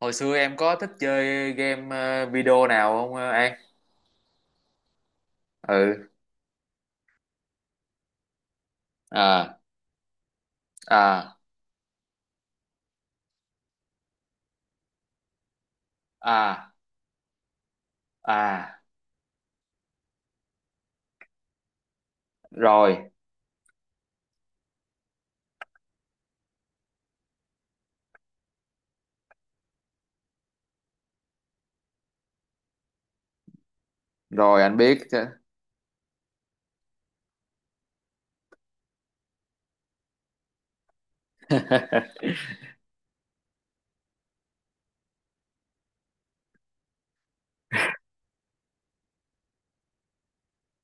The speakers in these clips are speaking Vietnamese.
Hồi xưa em có thích chơi game video nào không, ờ, An? Ừ. À, à, à, à. Rồi, rồi, anh biết chứ.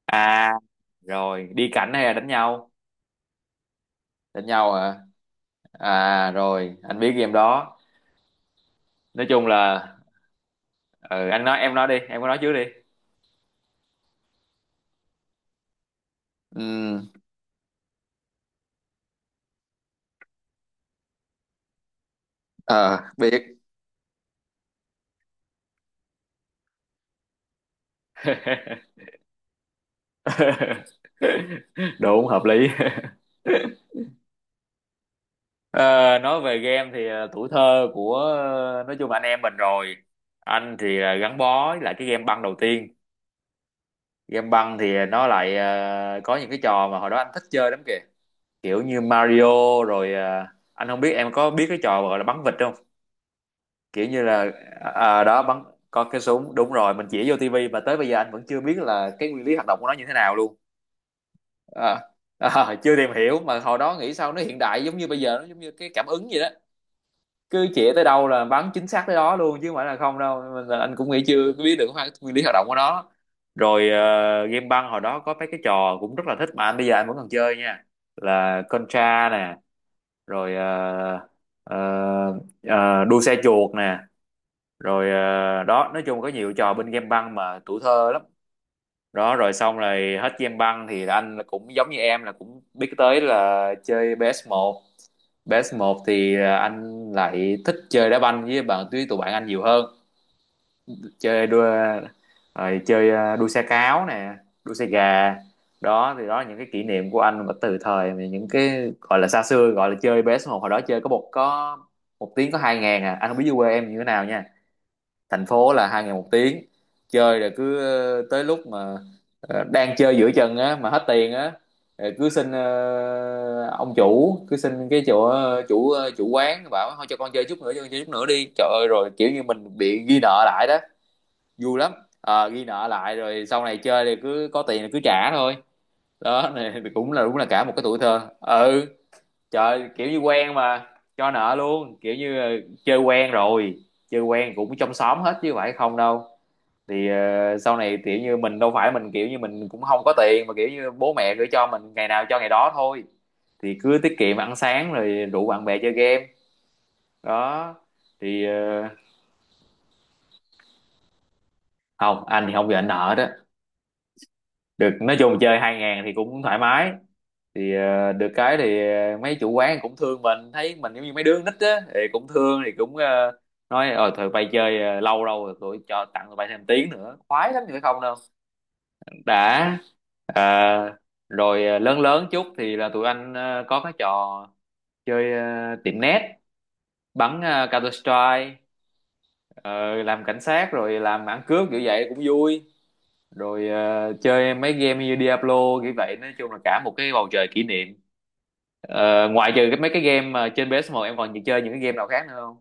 À, rồi, đi cảnh hay là đánh nhau? Đánh nhau hả? À, rồi, anh biết game đó. Nói chung là ừ, anh nói em nói đi, em có nói trước đi. Ừ, ờ, biết. Đúng, hợp lý. Ờ, nói về game thì tuổi thơ của, nói chung là anh em mình rồi, anh thì là gắn bó với lại cái game băng đầu tiên. Game băng thì nó lại có những cái trò mà hồi đó anh thích chơi lắm kìa, kiểu như Mario rồi. Ờ, anh không biết em có biết cái trò gọi là bắn vịt không, kiểu như là đó bắn, có cái súng, đúng rồi, mình chỉ vô tivi mà tới bây giờ anh vẫn chưa biết là cái nguyên lý hoạt động của nó như thế nào luôn. Ờ, chưa tìm hiểu, mà hồi đó nghĩ sao nó hiện đại giống như bây giờ, nó giống như cái cảm ứng vậy đó, cứ chĩa tới đâu là bắn chính xác tới đó luôn chứ không phải là không đâu. Mình là anh cũng nghĩ chưa biết được cái nguyên lý hoạt động của nó. Rồi game băng hồi đó có mấy cái trò cũng rất là thích mà anh bây giờ anh vẫn còn chơi nha, là Contra nè, rồi ờ, đua xe chuột nè, rồi đó nói chung có nhiều trò bên game băng mà tuổi thơ lắm. Đó rồi xong rồi hết game băng thì anh là cũng giống như em là cũng biết tới là chơi ps một. Base một thì à, anh lại thích chơi đá banh với bạn, với tụi bạn anh nhiều hơn. Chơi đua, rồi chơi à, đua xe cáo nè, đua xe gà. Đó thì đó là những cái kỷ niệm của anh mà từ thời mà những cái gọi là xa xưa, gọi là chơi PS một hồi đó, chơi có một tiếng có 2.000 à. Anh không biết dưới quê em như thế nào nha, thành phố là hai ngày một tiếng. Chơi rồi cứ tới lúc mà đang chơi giữa chừng á mà hết tiền á, rồi cứ xin ông chủ, cứ xin cái chỗ chủ quán, bảo thôi cho con chơi chút nữa, cho con chơi chút nữa đi, trời ơi, rồi kiểu như mình bị ghi nợ lại đó. Vui lắm. Ờ, ghi nợ lại rồi sau này chơi thì cứ có tiền thì cứ trả thôi. Đó này thì cũng là đúng là cả một cái tuổi thơ. Ừ, trời, kiểu như quen mà. Cho nợ luôn, kiểu như chơi quen rồi, chơi quen cũng trong xóm hết chứ phải không đâu. Thì sau này kiểu như mình đâu phải, mình kiểu như mình cũng không có tiền mà, kiểu như bố mẹ gửi cho mình ngày nào cho ngày đó thôi, thì cứ tiết kiệm ăn sáng rồi rủ bạn bè chơi game. Đó thì không, anh thì không bị ảnh nợ đó được, nói chung chơi 2.000 thì cũng thoải mái. Thì được cái thì mấy chủ quán cũng thương mình, thấy mình giống như mấy đứa con nít á thì cũng thương, thì cũng nói ờ tụi bay chơi lâu lâu rồi, tụi cho, tặng tụi bay thêm tiếng nữa, khoái lắm chứ phải không đâu. Đã. Ờ, rồi lớn lớn chút thì là tụi anh có cái trò chơi tiệm net, bắn Counter Strike, làm cảnh sát rồi làm ăn cướp, kiểu vậy cũng vui. Rồi chơi mấy game như Diablo, kiểu vậy, nói chung là cả một cái bầu trời kỷ niệm. Ờ, ngoại trừ cái mấy cái game mà trên PS1, em còn chơi những cái game nào khác nữa không?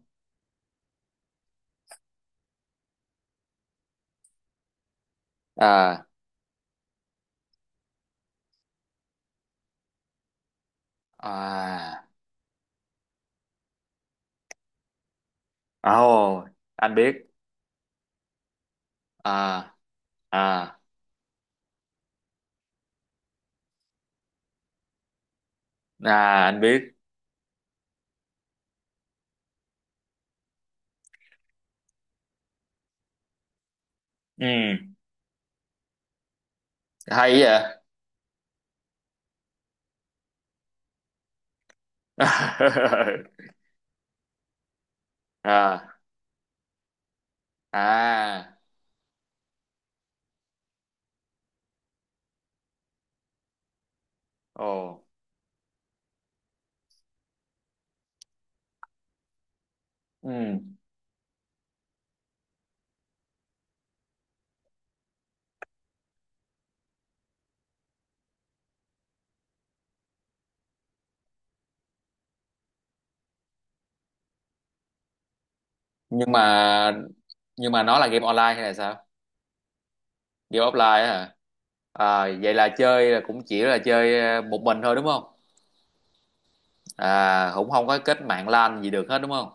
À, à, à, ồ, anh biết. À, à, à anh biết. Ừ, hay vậy. R. À. Ồ. Ừ. Nhưng mà, nhưng mà nó là game online hay là sao? Game offline á hả? À, vậy là chơi là cũng chỉ là chơi một mình thôi đúng không? À, cũng không có kết mạng LAN gì được hết đúng không?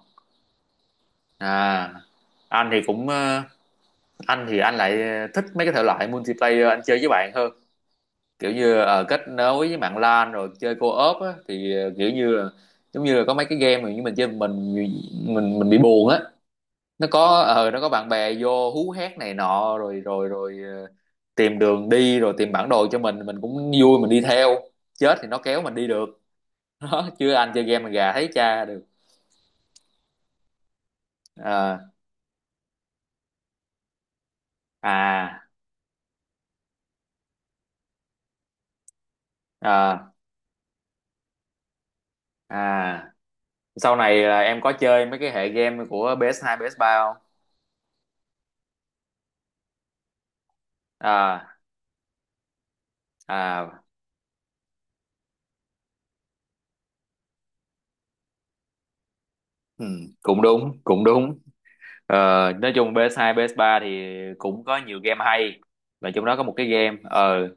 À, anh thì cũng anh thì anh lại thích mấy cái thể loại multiplayer, anh chơi với bạn hơn, kiểu như kết nối với mạng LAN rồi chơi co-op á, thì kiểu như là giống như là có mấy cái game mà như mình chơi mình, mình bị buồn á. Nó có ờ nó có bạn bè vô hú hét này nọ, rồi rồi rồi ờ, tìm đường đi, rồi tìm bản đồ cho mình cũng vui, mình đi theo. Chết thì nó kéo mình đi được. Đó chứ anh chơi game mà gà thấy cha được. Ờ, à, à, à, sau này là em có chơi mấy cái hệ game của PS2, ps ba không? À, à, ừ, cũng đúng, cũng đúng. Ờ, nói chung PS2, ps ba thì cũng có nhiều game hay, và trong đó có một cái game ờ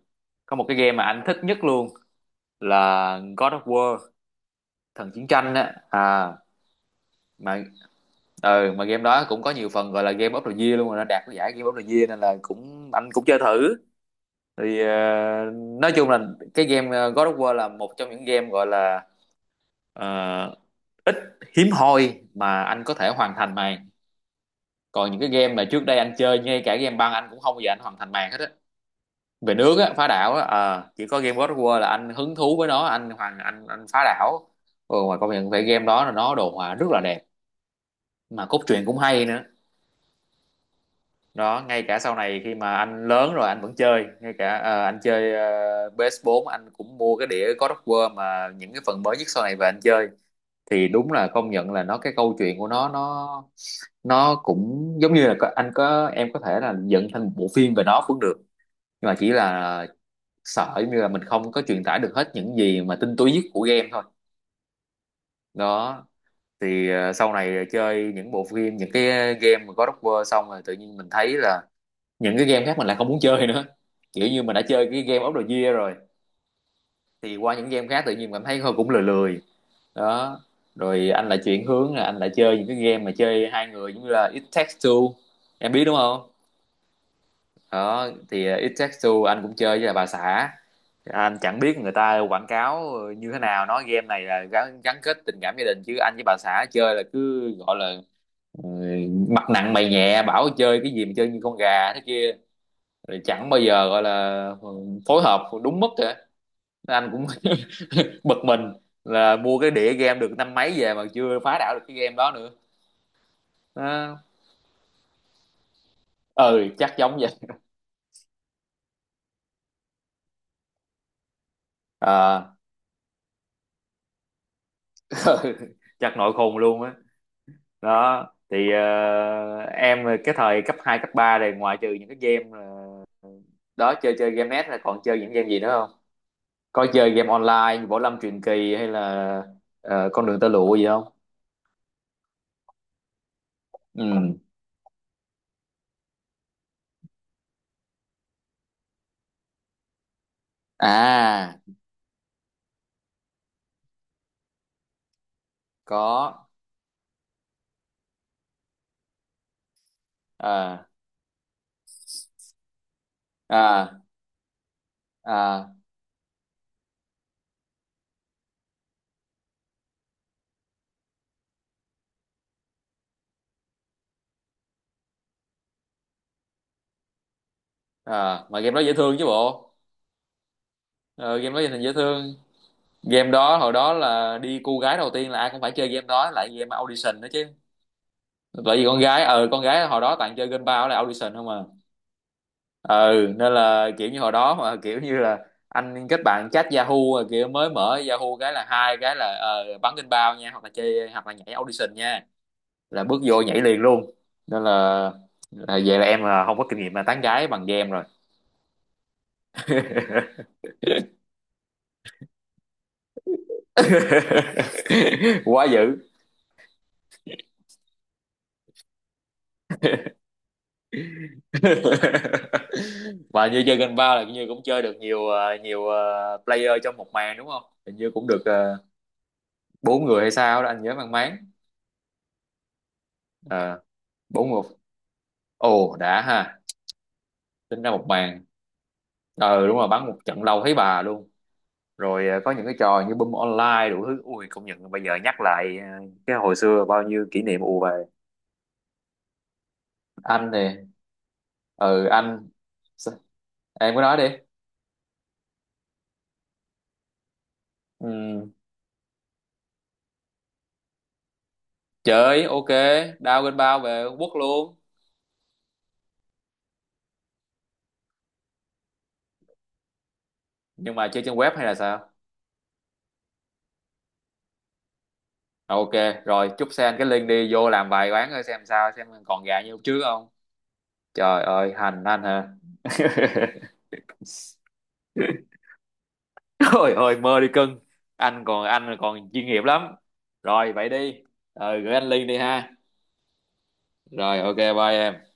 có một cái game mà anh thích nhất luôn, là God of War, thần chiến tranh á. À mà ừ, mà game đó cũng có nhiều phần gọi là game of the year luôn, rồi nó đạt cái giải game of the year nên là cũng anh cũng chơi thử. Thì nói chung là cái game God of War là một trong những game gọi là ờ, hiếm hoi mà anh có thể hoàn thành màn. Còn những cái game mà trước đây anh chơi, ngay cả game băng anh cũng không bao giờ anh hoàn thành màn hết á, về nước á, phá đảo á, chỉ có game God of War là anh hứng thú với nó, anh hoàn, anh phá đảo. Ừ, mà công nhận về game đó là nó đồ họa rất là đẹp, mà cốt truyện cũng hay nữa. Đó, ngay cả sau này khi mà anh lớn rồi anh vẫn chơi, ngay cả anh chơi PS4, anh cũng mua cái đĩa God of War mà những cái phần mới nhất sau này về anh chơi, thì đúng là công nhận là nó, cái câu chuyện của nó cũng giống như là có- anh có, em có thể là dựng thành một bộ phim về nó cũng được, nhưng mà chỉ là sợ giống như là mình không có truyền tải được hết những gì mà tinh túy nhất của game thôi. Đó thì sau này chơi những bộ phim, những cái game mà God of War xong rồi, tự nhiên mình thấy là những cái game khác mình lại không muốn chơi nữa, kiểu như mình đã chơi cái game of the year rồi thì qua những game khác tự nhiên cảm thấy thôi cũng lười lười. Đó, rồi anh lại chuyển hướng là anh lại chơi những cái game mà chơi hai người, giống như là It Takes Two, em biết đúng không? Đó thì It Takes Two anh cũng chơi với là bà xã. Anh chẳng biết người ta quảng cáo như thế nào, nói game này là gắn, gắn kết tình cảm gia đình, chứ anh với bà xã chơi là cứ gọi là ừ, mặt nặng mày nhẹ, bảo chơi cái gì mà chơi như con gà thế kia. Rồi chẳng bao giờ gọi là phối hợp đúng mức cả. Anh cũng bực mình, là mua cái đĩa game được năm mấy về mà chưa phá đảo được cái game đó nữa. Đó. Ừ chắc giống vậy. Ờ, chắc nội khùng luôn á. Đó thì em cái thời cấp 2 cấp 3 này, ngoại trừ những cái game đó chơi, chơi game net là còn chơi những game gì nữa không? Có chơi game online như Võ Lâm Truyền Kỳ hay là con đường tơ lụa gì không? Ừ, à, có, à, à, à, à, mà game đó dễ thương chứ bộ. Ờ, game đó dành dễ thương. Game đó hồi đó là đi cu gái đầu tiên là ai cũng phải chơi game đó, lại game audition đó chứ, tại vì con gái ờ con gái hồi đó toàn chơi game bao là audition không à. Ừ, nên là kiểu như hồi đó mà kiểu như là anh kết bạn chat Yahoo, rồi kiểu mới mở Yahoo cái là hai cái là bắn game bao nha, hoặc là chơi hoặc là nhảy audition nha, là bước vô nhảy liền luôn. Nên là vậy là em là không có kinh nghiệm là tán gái bằng game rồi. Quá dữ. Và như chơi Gun Bao là như cũng chơi được nhiều nhiều player trong một màn đúng không? Hình như cũng được bốn người hay sao đó anh nhớ mang máng. Ờ, bốn người. Ồ đã ha. Tính ra một màn. Ờ đúng rồi, bắn một trận lâu thấy bà luôn. Rồi có những cái trò như Boom Online đủ thứ. Ui công nhận bây giờ nhắc lại cái hồi xưa bao nhiêu kỷ niệm ù về. Anh nè. Ừ anh. Sao? Em cứ nói đi. Ừ. Chơi ok, đao Gun Bao về Trung Quốc luôn. Nhưng mà chơi trên web hay là sao? Ok, rồi chúc Sen cái link đi vô làm vài quán coi xem sao, xem còn gà như lúc trước không. Trời ơi, hành anh hả? Ôi ơi, mơ đi cưng. Anh còn chuyên nghiệp lắm. Rồi vậy đi. Ờ, gửi anh link đi ha. Rồi ok bye em.